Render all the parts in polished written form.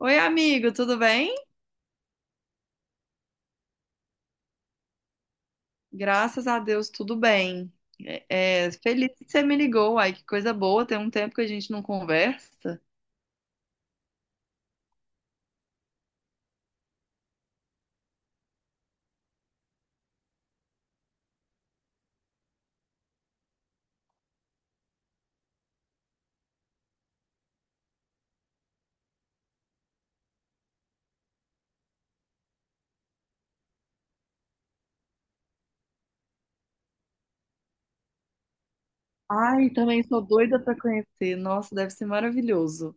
Oi, amigo, tudo bem? Graças a Deus, tudo bem. Feliz que você me ligou. Ai, que coisa boa. Tem um tempo que a gente não conversa. Ai, também sou doida pra conhecer. Nossa, deve ser maravilhoso.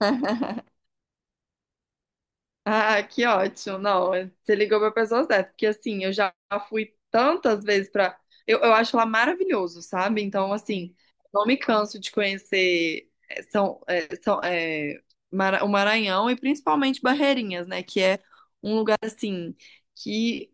Ah, que ótimo. Não, você ligou para pessoa certa, porque assim, eu já fui tantas vezes para eu acho lá maravilhoso, sabe? Então, assim, não me canso de conhecer o Maranhão e principalmente Barreirinhas, né? Que é um lugar assim que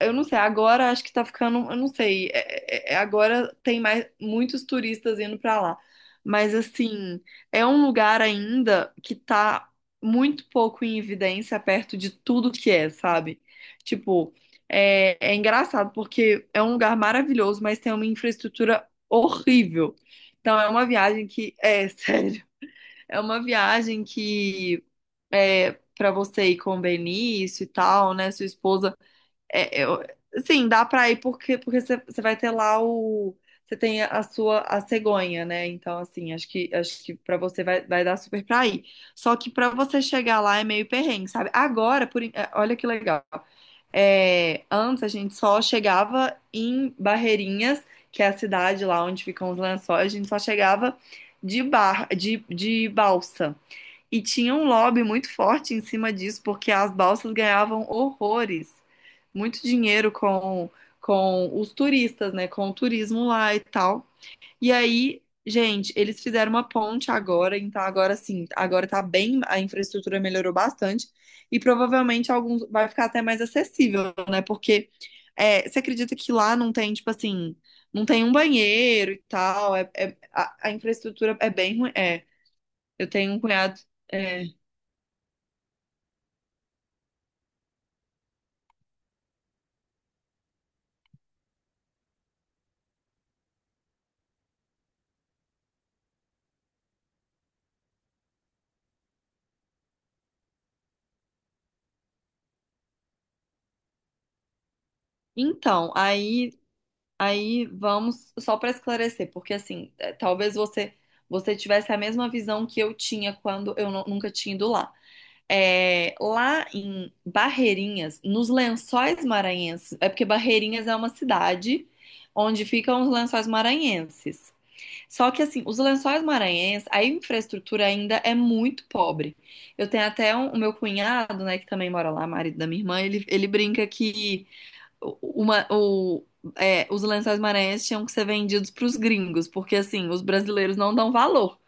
eu não sei, agora acho que tá ficando, eu não sei, agora tem mais muitos turistas indo pra lá. Mas assim, é um lugar ainda que tá muito pouco em evidência perto de tudo que é, sabe? Tipo, é engraçado porque é um lugar maravilhoso, mas tem uma infraestrutura horrível. Então é uma viagem que, sério, é uma viagem que é para você ir com o Benício e tal, né, sua esposa é, é, eu, sim, dá pra ir porque você vai ter lá o você tem a sua a cegonha, né? Então assim, acho que para você vai, vai dar super pra ir. Só que pra você chegar lá é meio perrengue, sabe? Agora, olha que legal. É, antes a gente só chegava em Barreirinhas, que é a cidade lá onde ficam os lençóis, a gente só chegava de balsa. E tinha um lobby muito forte em cima disso, porque as balsas ganhavam horrores, muito dinheiro com os turistas, né? Com o turismo lá e tal. E aí, gente, eles fizeram uma ponte agora, então agora sim, agora tá bem, a infraestrutura melhorou bastante e provavelmente alguns vai ficar até mais acessível, né? Porque você acredita que lá não tem, tipo assim, não tem um banheiro e tal, a infraestrutura é bem ruim. É, eu tenho um cunhado. é, Então, aí vamos só para esclarecer, porque assim, é, talvez você tivesse a mesma visão que eu tinha quando eu nunca tinha ido lá. É, lá em Barreirinhas, nos Lençóis Maranhenses, é porque Barreirinhas é uma cidade onde ficam os Lençóis Maranhenses. Só que assim, os Lençóis Maranhenses, a infraestrutura ainda é muito pobre. Eu tenho até o meu cunhado, né, que também mora lá, marido da minha irmã, ele brinca que uma, o, os lençóis maranhenses tinham que ser vendidos para os gringos, porque assim, os brasileiros não dão valor.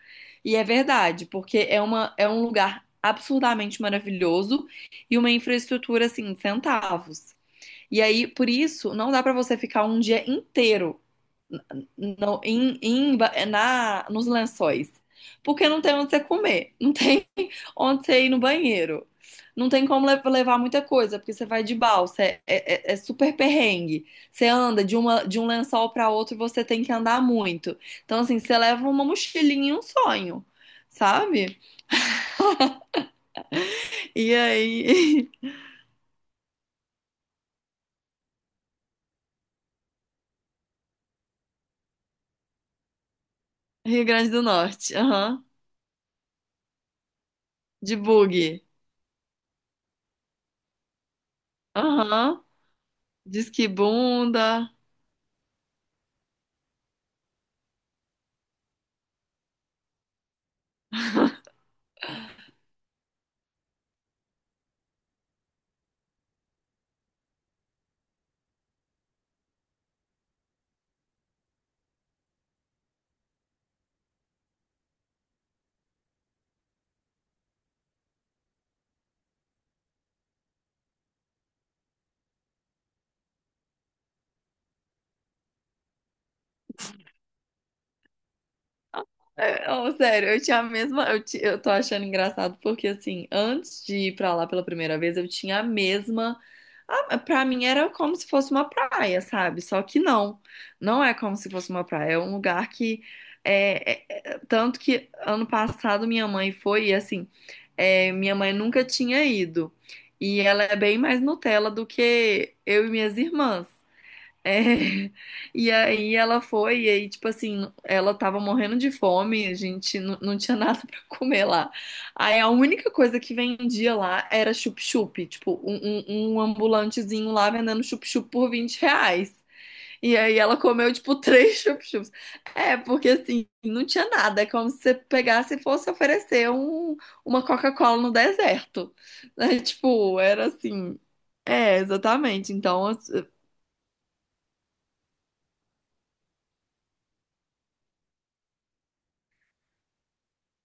E é verdade, porque é é um lugar absurdamente maravilhoso e uma infraestrutura assim, centavos. E aí, por isso, não dá para você ficar um dia inteiro no, em, em, na, nos lençóis. Porque não tem onde você comer, não tem onde você ir no banheiro, não tem como levar muita coisa, porque você vai de balsa, é super perrengue. Você anda de um lençol para outro, você tem que andar muito. Então, assim, você leva uma mochilinha e um sonho, sabe? E aí, Rio Grande do Norte, aham, de bug, aham, disque bunda. Sério, eu tinha a mesma. Eu, eu tô achando engraçado porque, assim, antes de ir pra lá pela primeira vez, eu tinha a mesma. Ah, pra mim era como se fosse uma praia, sabe? Só que não. Não é como se fosse uma praia. É um lugar que. Tanto que ano passado minha mãe foi, e assim. Minha mãe nunca tinha ido. E ela é bem mais Nutella do que eu e minhas irmãs. É, e aí ela foi, e aí, tipo assim, ela tava morrendo de fome, a gente não tinha nada pra comer lá. Aí a única coisa que vendia lá era chup-chup, tipo, um ambulantezinho lá vendendo chup-chup por R$ 20. E aí ela comeu, tipo, três chup-chups. É, porque assim, não tinha nada, é como se você pegasse e fosse oferecer uma Coca-Cola no deserto. Né? Tipo, era assim. É, exatamente. Então,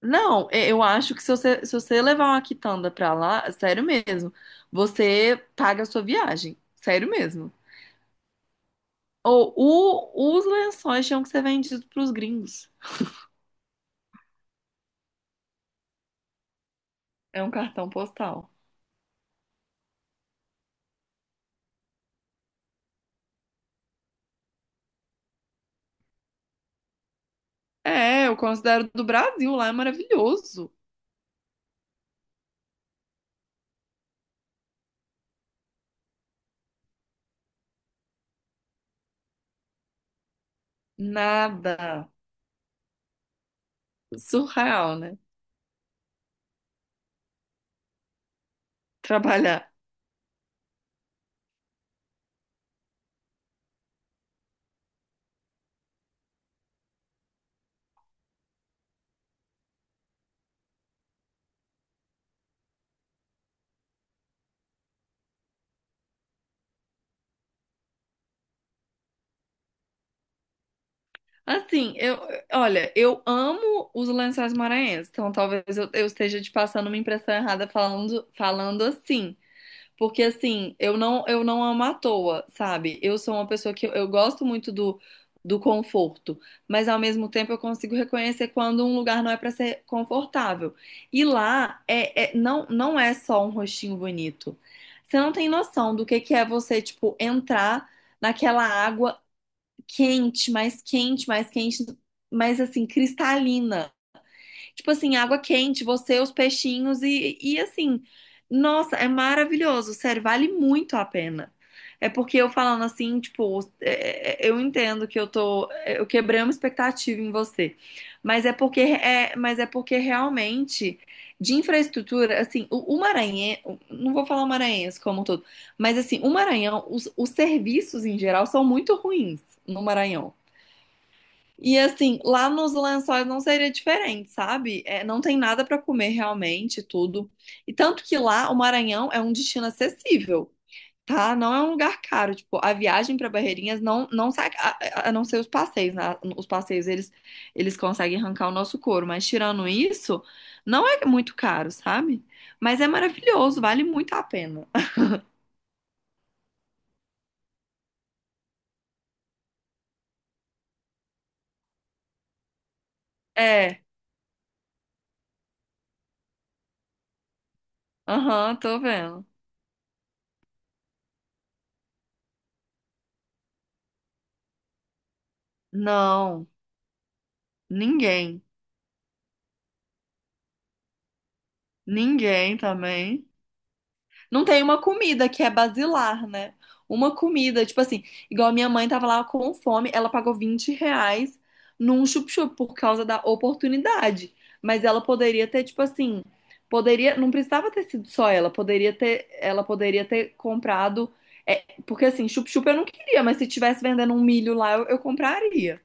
não, eu acho que se você, se você levar uma quitanda pra lá, sério mesmo, você paga a sua viagem. Sério mesmo. Ou os lençóis tinham que ser vendidos pros gringos. É um cartão postal. É, eu considero do Brasil, lá é maravilhoso. Nada. Surreal, né? Trabalhar. Assim, eu, olha, eu amo os lençóis maranhenses, então eu esteja te passando uma impressão errada falando, falando assim. Porque assim, eu não amo à toa, sabe? Eu sou uma pessoa que eu gosto muito do, do conforto, mas ao mesmo tempo eu consigo reconhecer quando um lugar não é para ser confortável. E lá não não é só um rostinho bonito. Você não tem noção do que é você, tipo, entrar naquela água quente, mais quente, mais quente, mas assim, cristalina tipo assim, água quente, você, os peixinhos e assim, nossa, é maravilhoso, sério, vale muito a pena. É porque eu falando assim, tipo, eu entendo que eu tô, eu quebrei uma expectativa em você, mas é porque é, mas é porque realmente de infraestrutura, assim, o Maranhão, não vou falar maranhense como um todo, mas assim, o Maranhão, os serviços em geral são muito ruins no Maranhão. E assim, lá nos Lençóis não seria diferente, sabe? É, não tem nada para comer realmente, tudo. E tanto que lá o Maranhão é um destino acessível, tá? Não é um lugar caro. Tipo, a viagem para Barreirinhas não sai, a não ser os passeios, né? Os passeios eles conseguem arrancar o nosso couro, mas tirando isso, não é muito caro, sabe? Mas é maravilhoso, vale muito a pena. É, aham, tô vendo. Não, ninguém, ninguém também. Não tem uma comida que é basilar, né? Uma comida, tipo assim, igual a minha mãe tava lá com fome, ela pagou R$ 20 num chup-chup por causa da oportunidade. Mas ela poderia ter, tipo assim, poderia, não precisava ter sido só ela poderia ter comprado, porque assim, chup-chup eu não queria, mas se tivesse vendendo um milho lá, eu compraria.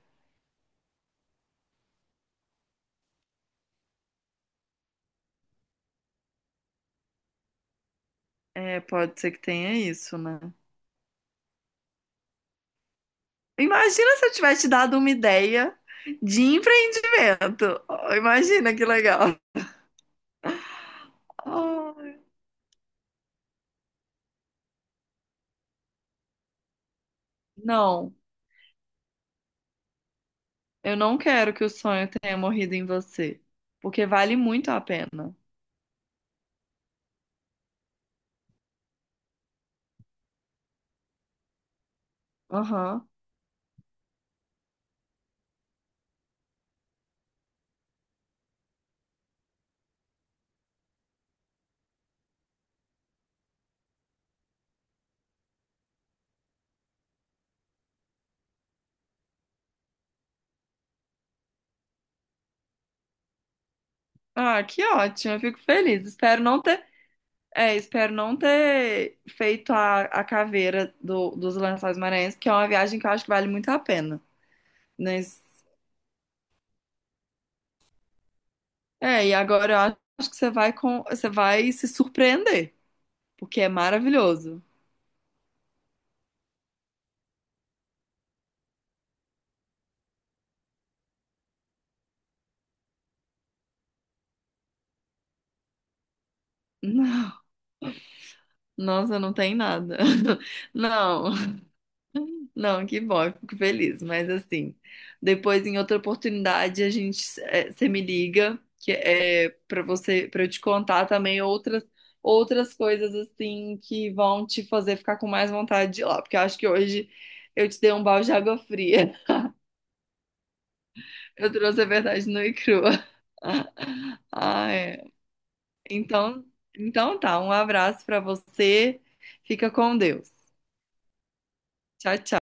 É, pode ser que tenha isso, né? Imagina se eu tivesse te dado uma ideia de empreendimento. Oh, imagina que legal. Ah, não, eu não quero que o sonho tenha morrido em você, porque vale muito a pena. Aham. Ah, que ótimo, eu fico feliz. Espero não ter feito a caveira do, dos Lençóis Maranhenses, que é uma viagem que eu acho que vale muito a pena. Mas, e agora eu acho que você vai com, você vai se surpreender, porque é maravilhoso. Não, nossa, não tem nada. Não. Não, que bom, eu fico feliz. Mas assim, depois em outra oportunidade a gente você me liga que é para você para eu te contar também outras outras coisas assim que vão te fazer ficar com mais vontade de ir lá, porque eu acho que hoje eu te dei um balde de água fria. Eu trouxe a verdade nua e crua. Ah, é. Então, então tá, um abraço para você. Fica com Deus. Tchau, tchau.